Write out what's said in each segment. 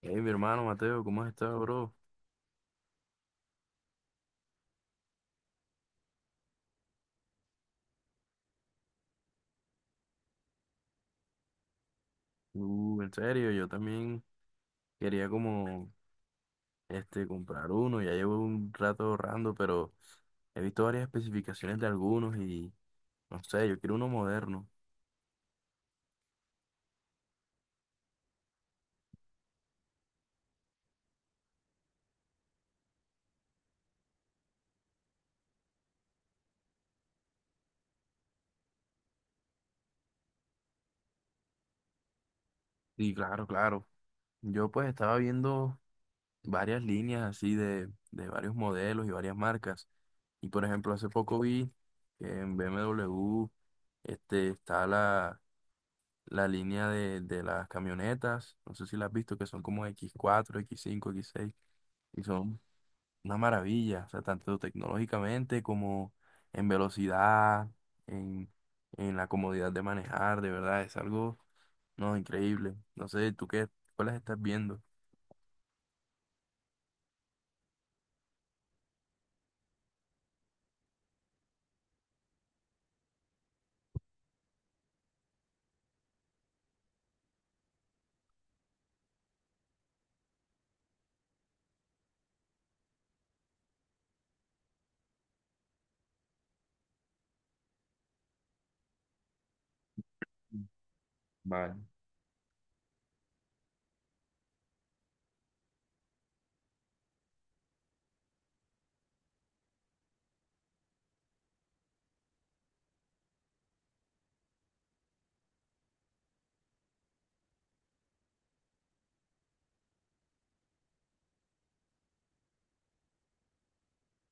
Hey, mi hermano Mateo, ¿cómo has estado, bro? En serio, yo también quería como comprar uno, ya llevo un rato ahorrando, pero he visto varias especificaciones de algunos y no sé, yo quiero uno moderno. Sí, claro, claro. Yo pues estaba viendo varias líneas así de varios modelos y varias marcas. Y por ejemplo, hace poco vi que en BMW está la línea de las camionetas, no sé si las has visto, que son como x cuatro x cinco x seis y son una maravilla, o sea, tanto tecnológicamente como en velocidad, en, en la comodidad de manejar, de verdad, es algo, no, increíble. No sé, ¿tú qué, cuáles estás viendo? Vale,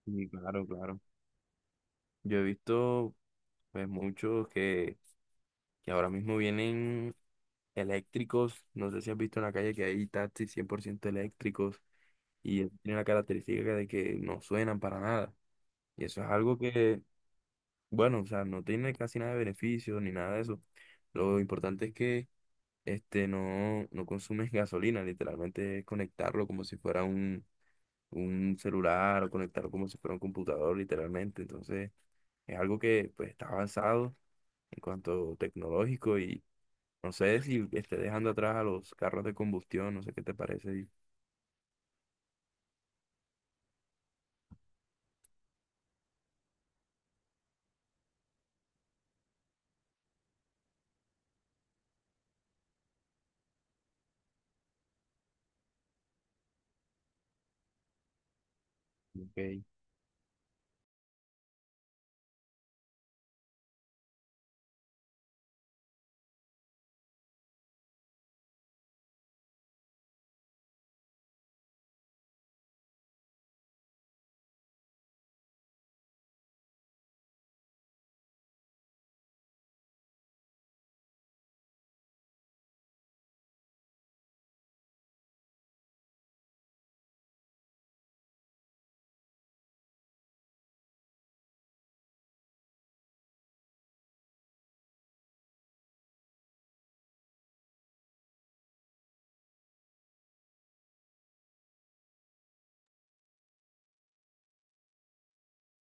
sí, claro, claro. Yo he visto, pues, muchos que ahora mismo vienen eléctricos, no sé si has visto en la calle que hay taxis 100% eléctricos, y eso tiene la característica de que no suenan para nada. Y eso es algo que, bueno, o sea, no tiene casi nada de beneficio ni nada de eso. Lo importante es que no consumes gasolina, literalmente es conectarlo como si fuera un celular o conectarlo como si fuera un computador, literalmente. Entonces, es algo que pues está avanzado en cuanto tecnológico y no sé si esté dejando atrás a los carros de combustión, no sé qué te parece. Ok.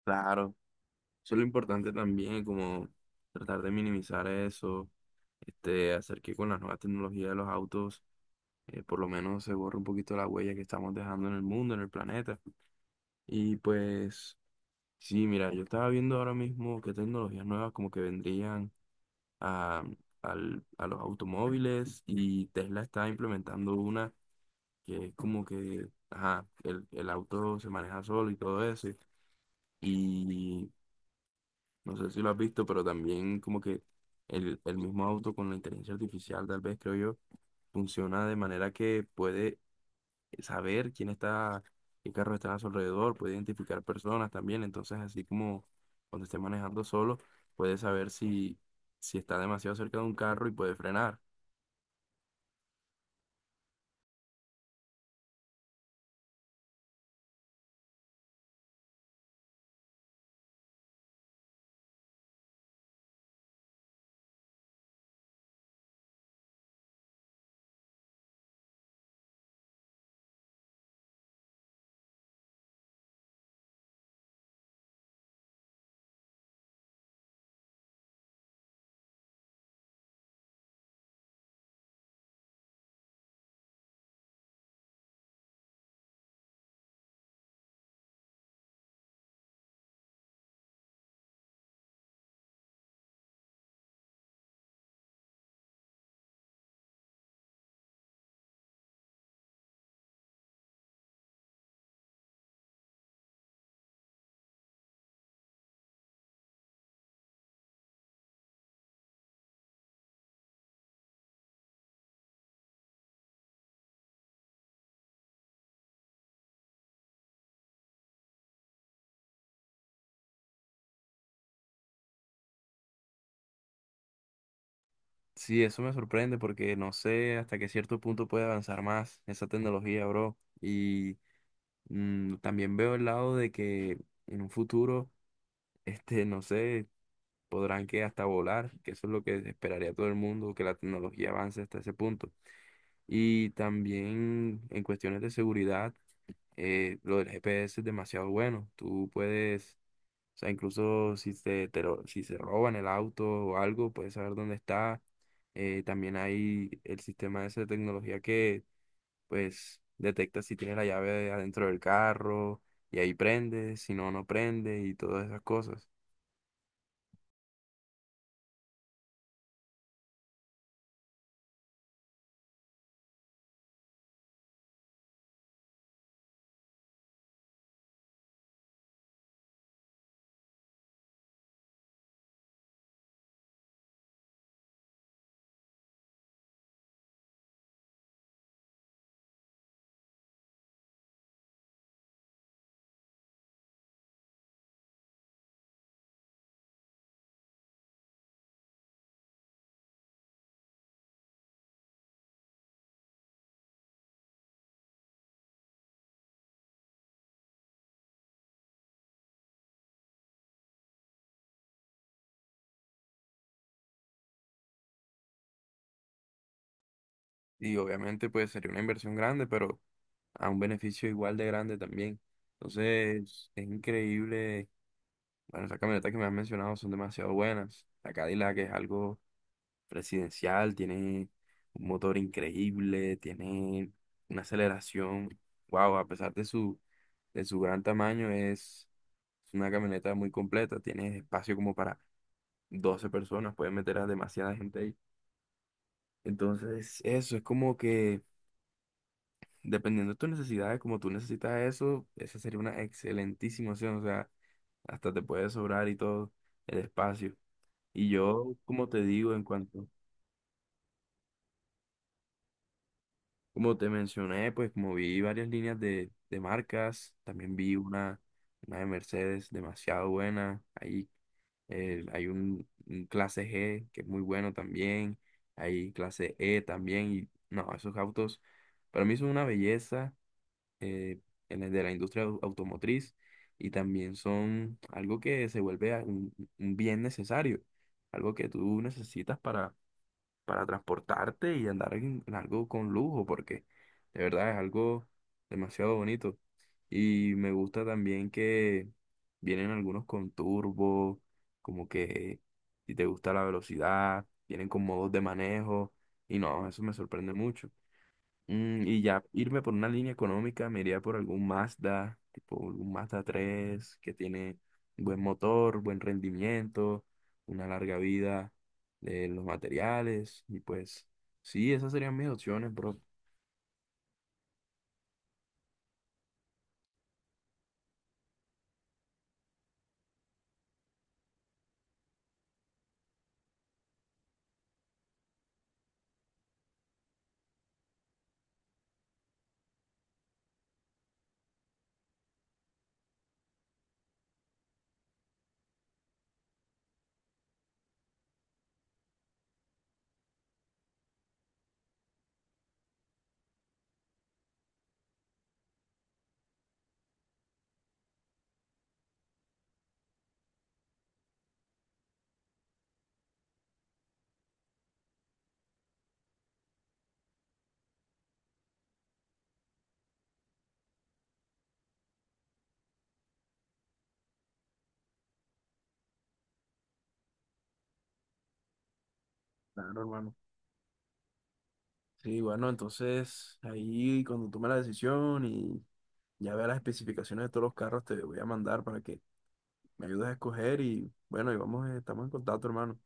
Claro. Eso es lo importante también, como tratar de minimizar eso, hacer que con las nuevas tecnologías de los autos, por lo menos se borre un poquito la huella que estamos dejando en el mundo, en el planeta. Y pues, sí, mira, yo estaba viendo ahora mismo qué tecnologías nuevas como que vendrían a, a los automóviles, y Tesla está implementando una que es como que, ajá, el auto se maneja solo y todo eso. Y no sé si lo has visto, pero también como que el mismo auto con la inteligencia artificial, tal vez creo yo, funciona de manera que puede saber quién está, qué carro está a su alrededor, puede identificar personas también. Entonces, así como cuando esté manejando solo, puede saber si está demasiado cerca de un carro y puede frenar. Sí, eso me sorprende porque no sé hasta qué cierto punto puede avanzar más esa tecnología, bro. Y también veo el lado de que en un futuro, no sé, podrán que hasta volar, que eso es lo que esperaría todo el mundo, que la tecnología avance hasta ese punto. Y también en cuestiones de seguridad, lo del GPS es demasiado bueno. Tú puedes, o sea, incluso si si se roban el auto o algo, puedes saber dónde está. También hay el sistema ese de tecnología que, pues, detecta si tienes la llave adentro del carro y ahí prende, si no, no prende y todas esas cosas. Y obviamente pues sería una inversión grande, pero a un beneficio igual de grande también. Entonces, es increíble. Bueno, esas camionetas que me has mencionado son demasiado buenas. La Cadillac es algo presidencial, tiene un motor increíble, tiene una aceleración. Wow, a pesar de su gran tamaño, es una camioneta muy completa. Tiene espacio como para 12 personas, puedes meter a demasiada gente ahí. Entonces, eso es como que, dependiendo de tus necesidades, como tú necesitas eso, esa sería una excelentísima opción. O sea, hasta te puede sobrar y todo el espacio. Y yo, como te digo, en cuanto, como te mencioné, pues como vi varias líneas de marcas, también vi una de Mercedes demasiado buena. Ahí hay un clase G que es muy bueno también. Hay clase E también. Y no, esos autos para mí son una belleza. Eh, en el de la industria automotriz y también son algo que se vuelve un bien necesario, algo que tú necesitas para transportarte y andar en algo con lujo, porque de verdad es algo demasiado bonito. Y me gusta también que vienen algunos con turbo, como que si te gusta la velocidad, vienen con modos de manejo, y no, eso me sorprende mucho. Y ya irme por una línea económica, me iría por algún Mazda, tipo un Mazda 3 que tiene buen motor, buen rendimiento, una larga vida de los materiales. Y pues, sí, esas serían mis opciones, bro. Claro, hermano. Sí, bueno, entonces ahí cuando tome la decisión y ya vea las especificaciones de todos los carros, te voy a mandar para que me ayudes a escoger y bueno, y vamos, estamos en contacto, hermano.